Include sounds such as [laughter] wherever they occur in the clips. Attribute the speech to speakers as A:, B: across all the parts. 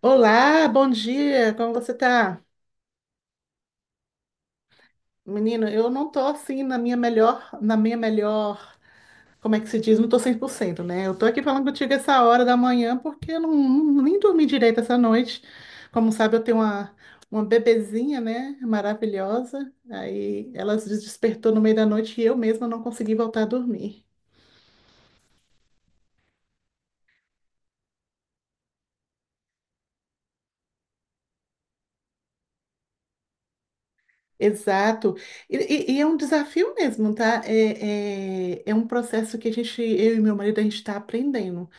A: Olá, bom dia. Como você tá? Menina, eu não tô assim na minha melhor, como é que se diz? Não tô 100%, né? Eu tô aqui falando contigo essa hora da manhã porque eu nem dormi direito essa noite. Como sabe, eu tenho uma bebezinha, né? Maravilhosa. Aí ela se despertou no meio da noite e eu mesma não consegui voltar a dormir. Exato. E é um desafio mesmo, tá? É um processo que a gente, eu e meu marido, a gente está aprendendo.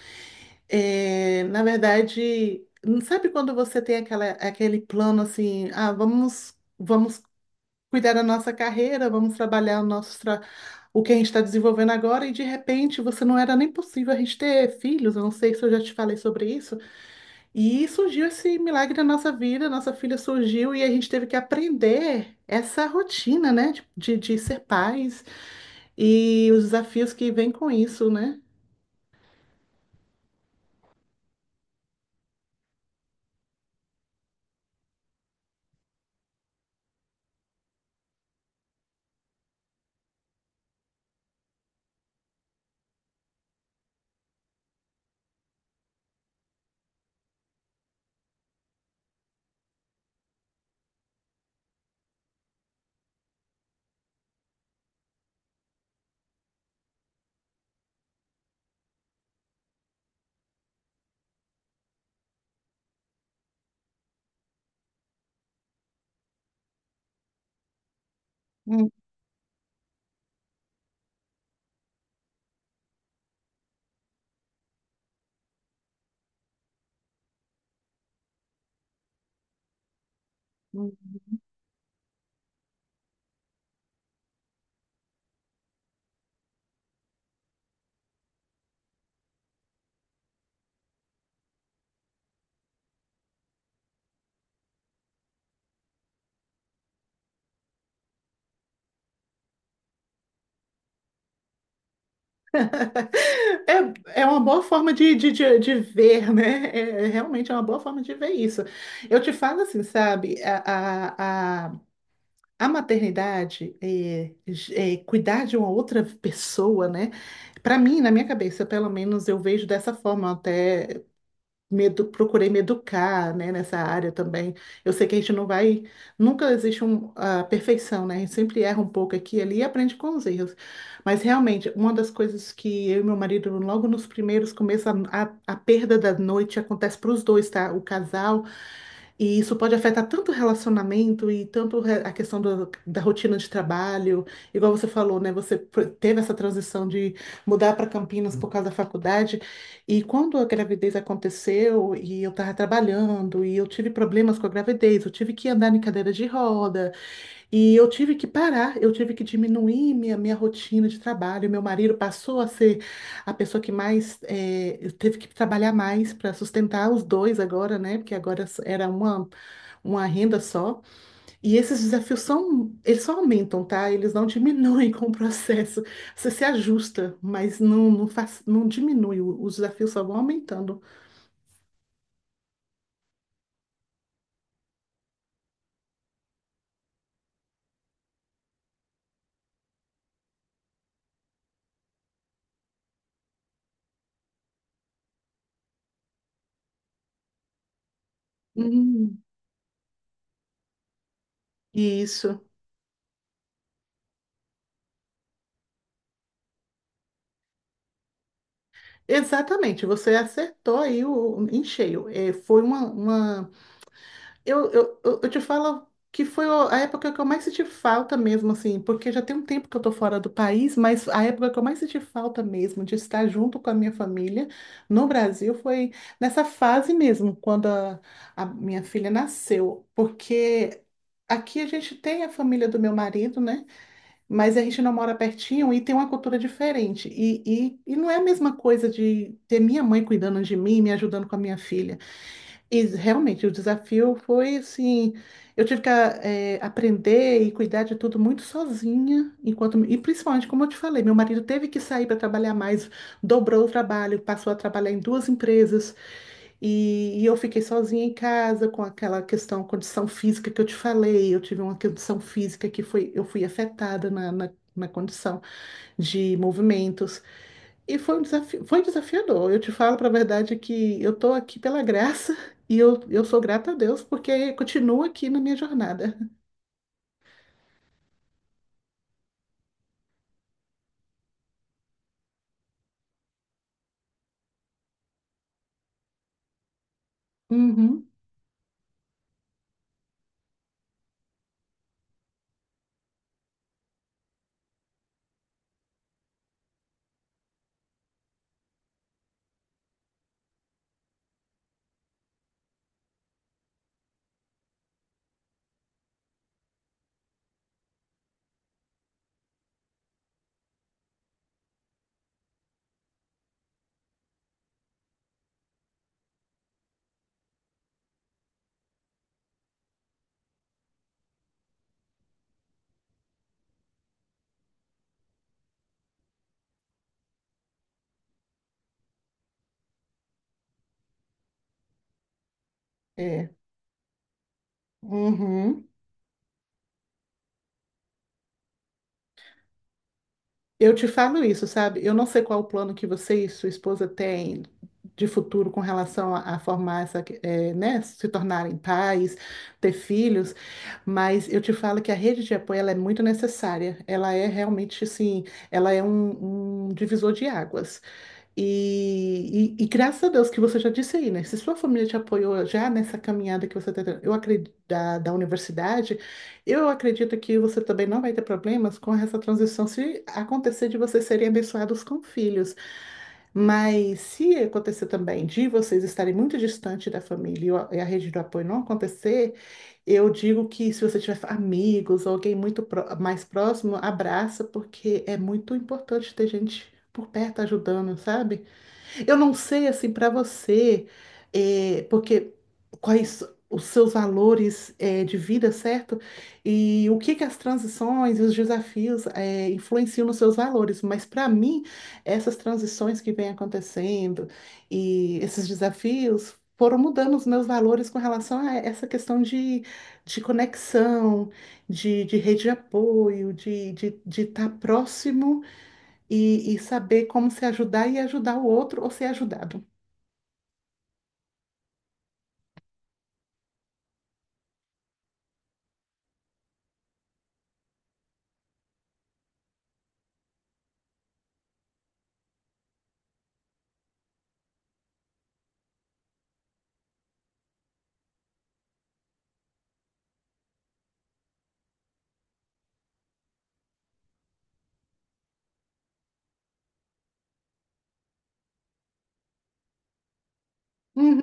A: É, na verdade, sabe quando você tem aquela, aquele plano assim, vamos cuidar da nossa carreira, vamos trabalhar o que a gente está desenvolvendo agora, e de repente você não era nem possível a gente ter filhos, eu não sei se eu já te falei sobre isso, e surgiu esse milagre na nossa vida, nossa filha surgiu e a gente teve que aprender essa rotina, né, de ser pais e os desafios que vêm com isso, né? É uma boa forma de ver, né? É realmente uma boa forma de ver isso. Eu te falo assim, sabe? A maternidade, cuidar de uma outra pessoa, né? Para mim, na minha cabeça, pelo menos, eu vejo dessa forma até procurei me educar, né, nessa área também. Eu sei que a gente não vai, nunca existe a perfeição, né? A gente sempre erra um pouco aqui e ali e aprende com os erros. Mas realmente, uma das coisas que eu e meu marido, logo nos primeiros começos, a perda da noite acontece para os dois, tá? O casal e isso pode afetar tanto o relacionamento e tanto a questão da rotina de trabalho. Igual você falou, né? Você teve essa transição de mudar para Campinas por causa da faculdade. E quando a gravidez aconteceu e eu estava trabalhando e eu tive problemas com a gravidez, eu tive que andar em cadeira de roda e eu tive que parar, eu tive que diminuir minha rotina de trabalho. Meu marido passou a ser a pessoa que mais teve que trabalhar mais para sustentar os dois agora, né? Porque agora era uma renda só, e esses desafios são, eles só aumentam, tá? Eles não [laughs] diminuem com o processo. Você se ajusta, mas não faz, não diminui, os desafios só vão aumentando. Hum, isso. Exatamente, você acertou aí em cheio. É, foi uma Eu te falo que foi a época que eu mais senti falta mesmo, assim, porque já tem um tempo que eu tô fora do país, mas a época que eu mais senti falta mesmo de estar junto com a minha família no Brasil foi nessa fase mesmo, quando a minha filha nasceu, porque aqui a gente tem a família do meu marido, né? Mas a gente não mora pertinho e tem uma cultura diferente. E não é a mesma coisa de ter minha mãe cuidando de mim, me ajudando com a minha filha. E realmente, o desafio foi assim, eu tive que aprender e cuidar de tudo muito sozinha, enquanto e principalmente, como eu te falei, meu marido teve que sair para trabalhar mais, dobrou o trabalho, passou a trabalhar em duas empresas e eu fiquei sozinha em casa com aquela questão, condição física que eu te falei, eu tive uma condição física que foi, eu fui afetada na, na condição de movimentos. E foi um desafio, foi desafiador. Eu te falo para a verdade que eu estou aqui pela graça [laughs] e eu sou grata a Deus porque continuo aqui na minha jornada. Uhum. É. Uhum. Eu te falo isso, sabe? Eu não sei qual o plano que você e sua esposa têm de futuro com relação a formar essa, é, né, se tornarem pais, ter filhos, mas eu te falo que a rede de apoio ela é muito necessária. Ela é realmente assim, ela é um divisor de águas. E graças a Deus que você já disse aí, né? Se sua família te apoiou já nessa caminhada que você está tendo, eu acredito, da universidade, eu acredito que você também não vai ter problemas com essa transição se acontecer de vocês serem abençoados com filhos. Mas se acontecer também de vocês estarem muito distante da família e a rede do apoio não acontecer, eu digo que se você tiver amigos ou alguém muito mais próximo, abraça, porque é muito importante ter gente por perto ajudando, sabe? Eu não sei, assim, para você, porque quais os seus valores de vida, certo? E o que que as transições e os desafios influenciam nos seus valores. Mas para mim, essas transições que vêm acontecendo e esses desafios foram mudando os meus valores com relação a essa questão de, conexão, de, rede de apoio, de estar próximo e saber como se ajudar e ajudar o outro ou ser ajudado. Uhum.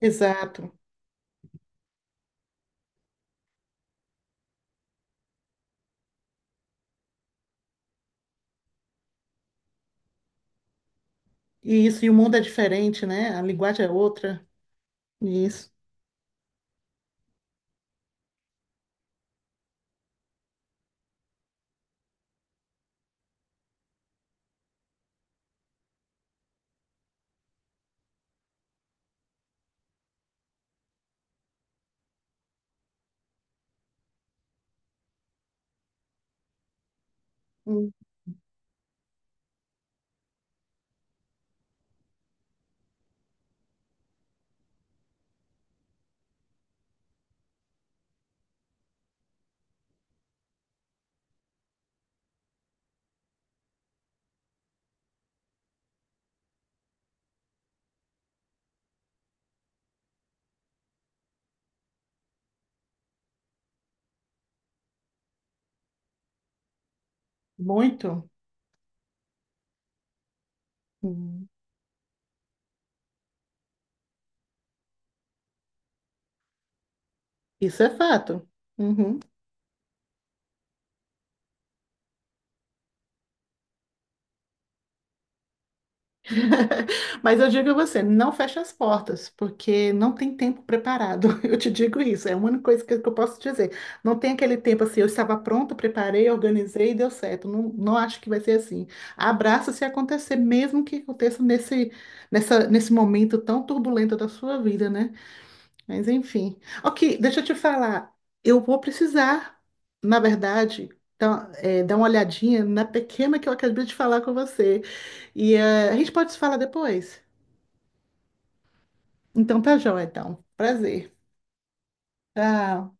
A: Exato. E isso, e o mundo é diferente, né? A linguagem é outra. Isso. Hum. Muito. Hum. Isso é fato. Uhum. [laughs] Mas eu digo a você, não feche as portas, porque não tem tempo preparado. [laughs] Eu te digo isso, é a única coisa que eu posso dizer. Não tem aquele tempo assim, eu estava pronta, preparei, organizei e deu certo. Não, não acho que vai ser assim. Abraça se acontecer, mesmo que aconteça nesse momento tão turbulento da sua vida, né? Mas enfim. Ok, deixa eu te falar. Eu vou precisar, na verdade, dar uma olhadinha na pequena que eu acabei de falar com você. E a gente pode se falar depois? Então tá joia, então. Prazer. Tchau.